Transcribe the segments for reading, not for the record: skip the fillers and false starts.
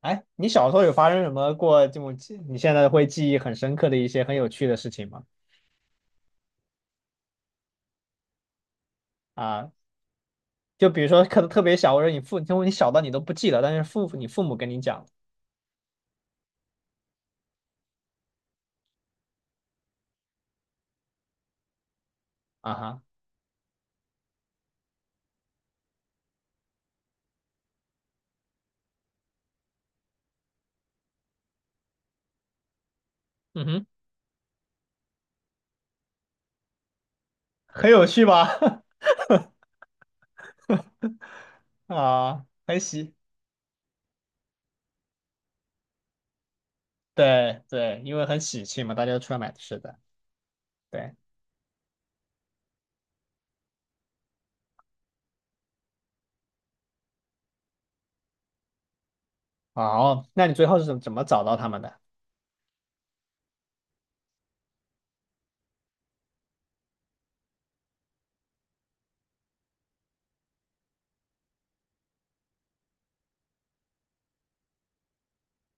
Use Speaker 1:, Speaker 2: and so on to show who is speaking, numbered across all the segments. Speaker 1: 哎，你小时候有发生什么过这种记，你现在会记忆很深刻的一些很有趣的事情吗？啊，就比如说可能特别小，或者你父，就你小到你都不记得，但是父你父母跟你讲，啊哈，嗯哼，很有趣吧？啊，很喜，对对，因为很喜庆嘛，大家都出来买吃的，对，哦，那你最后是怎么找到他们的？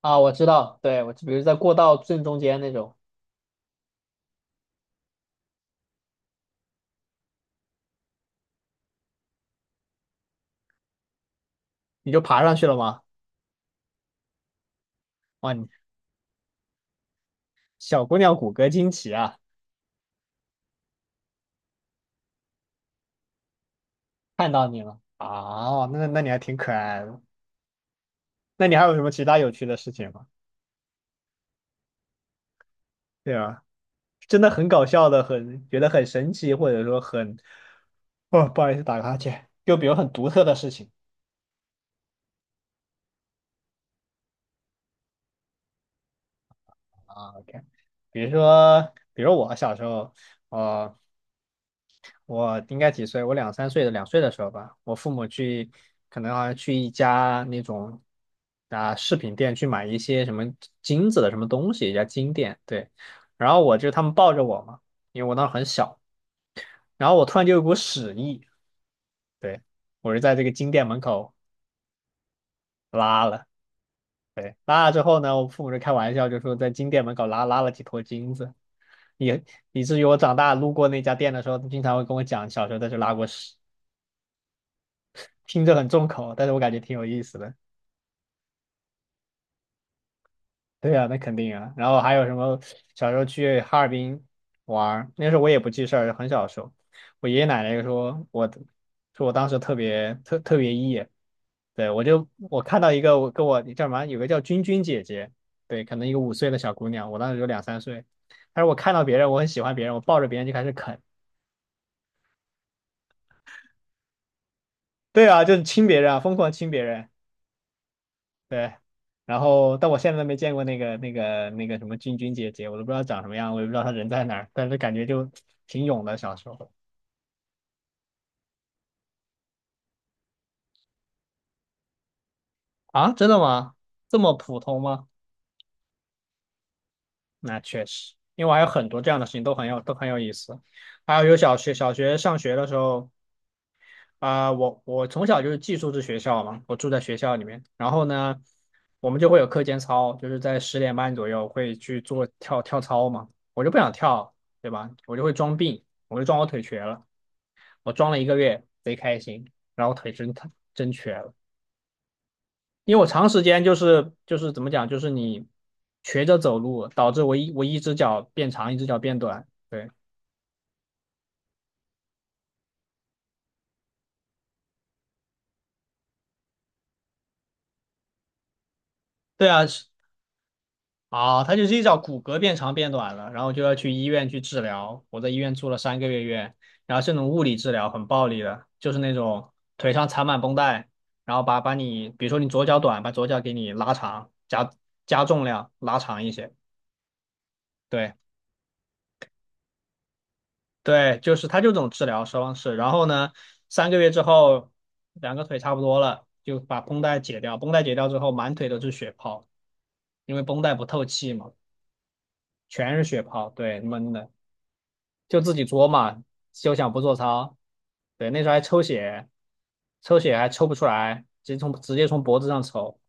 Speaker 1: 啊，我知道，对，我就比如在过道正中间那种，你就爬上去了吗？哇，你小姑娘骨骼惊奇啊！看到你了啊，那你还挺可爱的。那你还有什么其他有趣的事情吗？对啊，真的很搞笑的，很觉得很神奇，或者说很，哦，不好意思，打个哈欠。就比如很独特的事情啊，OK，比如说，比如我小时候，啊。我应该几岁？我两三岁的两岁的时候吧，我父母去，可能好像去一家那种饰品店去买一些什么金子的什么东西，一家金店。对，然后我就他们抱着我嘛，因为我当时很小，然后我突然就有股屎意，对，我就在这个金店门口拉了，对，拉了之后呢，我父母就开玩笑就说在金店门口拉了几坨金子，以以至于我长大路过那家店的时候，经常会跟我讲小时候在这拉过屎。听着很重口，但是我感觉挺有意思的。对呀，那肯定啊。然后还有什么？小时候去哈尔滨玩儿那时候我也不记事儿，很小的时候，我爷爷奶奶说我，说我当时特别 E，对我就我看到一个我跟我叫什么，有个叫君君姐姐，对，可能一个五岁的小姑娘，我当时有两三岁，但是我看到别人，我很喜欢别人，我抱着别人就开始啃，对啊，就是亲别人啊，疯狂亲别人。对，然后但我现在都没见过那个什么君君姐姐，我都不知道长什么样，我也不知道她人在哪儿，但是感觉就挺勇的小时候啊，真的吗？这么普通吗？那确实，因为我还有很多这样的事情都很有意思，还有有小学上学的时候啊、我从小就是寄宿制学校嘛，我住在学校里面，然后呢，我们就会有课间操，就是在十点半左右会去做跳跳操嘛，我就不想跳，对吧？我就会装病，我就装我腿瘸了。我装了一个月，贼开心，然后腿真疼，真瘸了，因为我长时间就是怎么讲，就是你瘸着走路，导致我一只脚变长，一只脚变短。对对啊，是啊，他就是一脚骨骼变长变短了，然后就要去医院去治疗。我在医院住了三个月院，然后是那种物理治疗，很暴力的，就是那种腿上缠满绷带，然后把你，比如说你左脚短，把左脚给你拉长，加重量拉长一些。对，对，就是他就这种治疗方式。然后呢，三个月之后，两个腿差不多了，就把绷带解掉。绷带解掉之后，满腿都是血泡，因为绷带不透气嘛，全是血泡。对，闷的，就自己作嘛，休想不做操。对，那时候还抽血，抽血还抽不出来，直接从脖子上抽。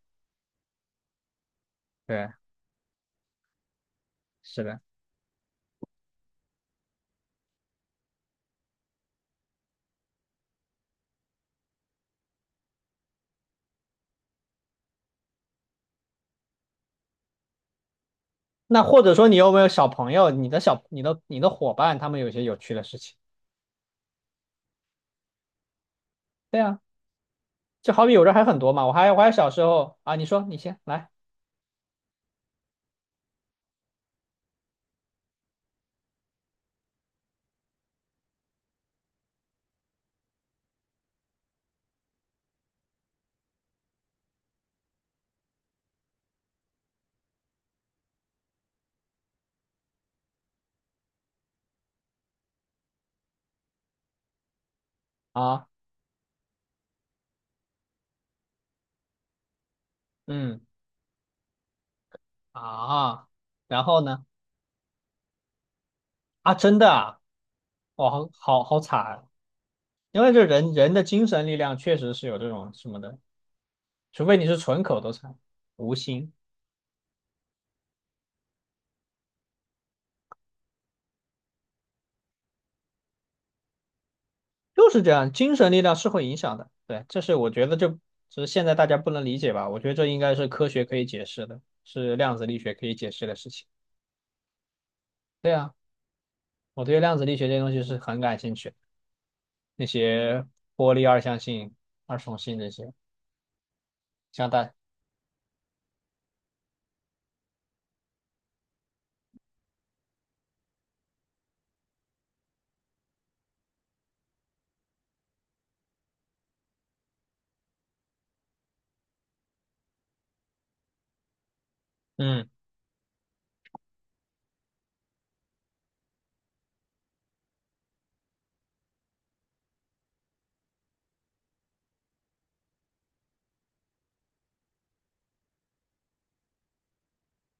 Speaker 1: 对，是的。那或者说你有没有小朋友，你的伙伴，他们有些有趣的事情？对呀。就好比有人还很多嘛，我还小时候啊，你说你先来啊，嗯啊，然后呢啊，真的啊，哇，好惨啊，因为这人人的精神力量确实是有这种什么的，除非你是纯口头禅，无心，就是这样，精神力量是会影响的，对，这是我觉得这只是现在大家不能理解吧，我觉得这应该是科学可以解释的，是量子力学可以解释的事情，对啊，我对量子力学这些东西是很感兴趣的那些玻璃二象性、二重性这些像带。嗯，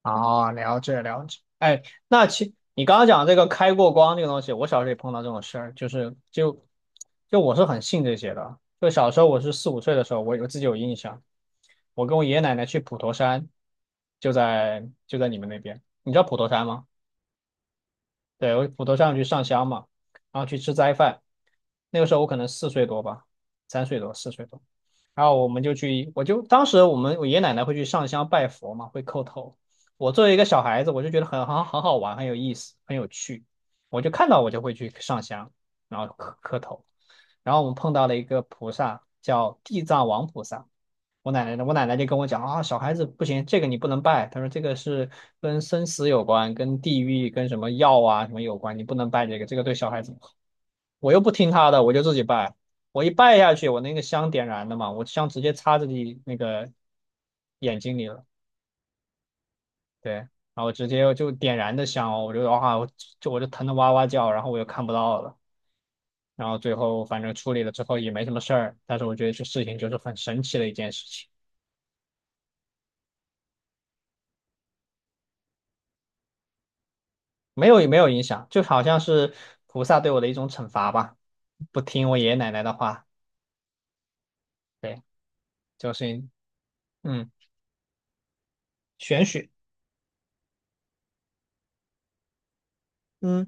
Speaker 1: 哦，了解了解。哎，你刚刚讲这个开过光这个东西，我小时候也碰到这种事儿，就是就就我是很信这些的。就小时候我是四五岁的时候，我有自己有印象，我跟我爷爷奶奶去普陀山，就在你们那边。你知道普陀山吗？对，我骨头上去上香嘛，然后去吃斋饭。那个时候我可能四岁多吧，三岁多，四岁多。然后我们就去，我就当时我爷爷奶奶会去上香拜佛嘛，会叩头。我作为一个小孩子，我就觉得很好玩，很有意思，很有趣。我就看到我就会去上香，然后磕磕头。然后我们碰到了一个菩萨，叫地藏王菩萨。我奶奶就跟我讲啊，小孩子不行，这个你不能拜。她说这个是跟生死有关，跟地狱、跟什么药啊什么有关，你不能拜这个，这个对小孩子不好。我又不听她的，我就自己拜。我一拜下去，我那个香点燃的嘛，我香直接插自己那个眼睛里了，对，然后直接就点燃的香哦，我就哇，我就疼得哇哇叫，然后我又看不到了，然后最后反正处理了之后也没什么事儿，但是我觉得这事情就是很神奇的一件事情。没有没有影响，就好像是菩萨对我的一种惩罚吧，不听我爷爷奶奶的话，对，就是嗯玄学，嗯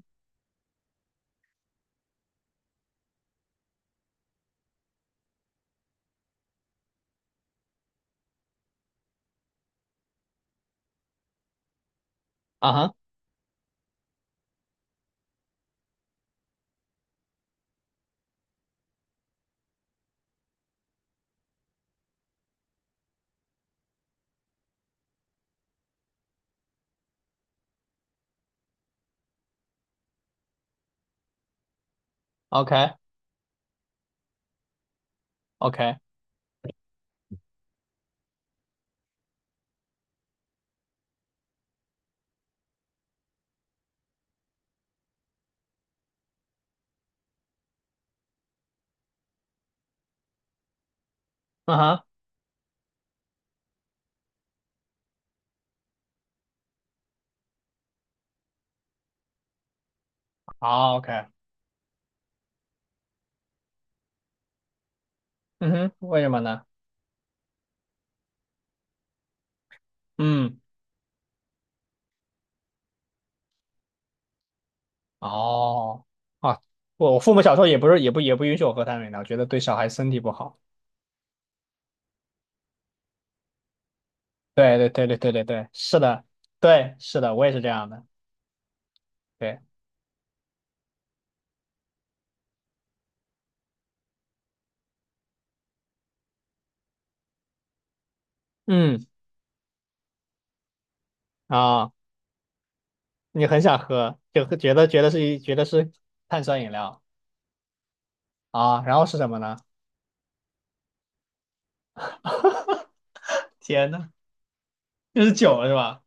Speaker 1: 啊哈，OK OK，嗯哈，好 OK，嗯哼，为什么呢？嗯，哦，啊，我父母小时候也不是也不也不允许我喝碳酸饮料，我觉得对小孩身体不好。对，是的，对是的，我也是这样的，对，嗯啊，你很想喝，就觉得觉得是碳酸饮料。啊，然后是什么呢？天呐，这是酒了是吧？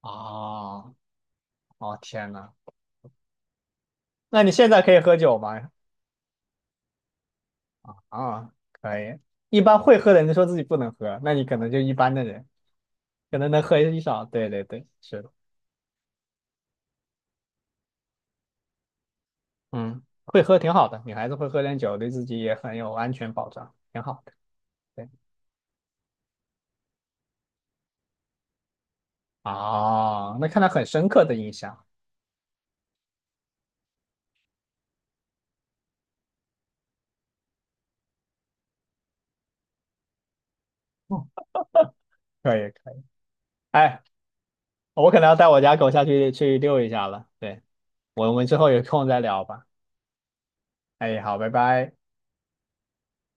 Speaker 1: 哦，哦天呐，那你现在可以喝酒吗？啊，可以。一般会喝的人就说自己不能喝，那你可能就一般的人，可能能喝一少。对对对，是的，嗯，会喝挺好的，女孩子会喝点酒，对自己也很有安全保障，挺好的。对，哦，那看来很深刻的印象。嗯，可以可以。哎，我可能要带我家狗下去去遛一下了。对，我们之后有空再聊吧。哎，好，拜拜。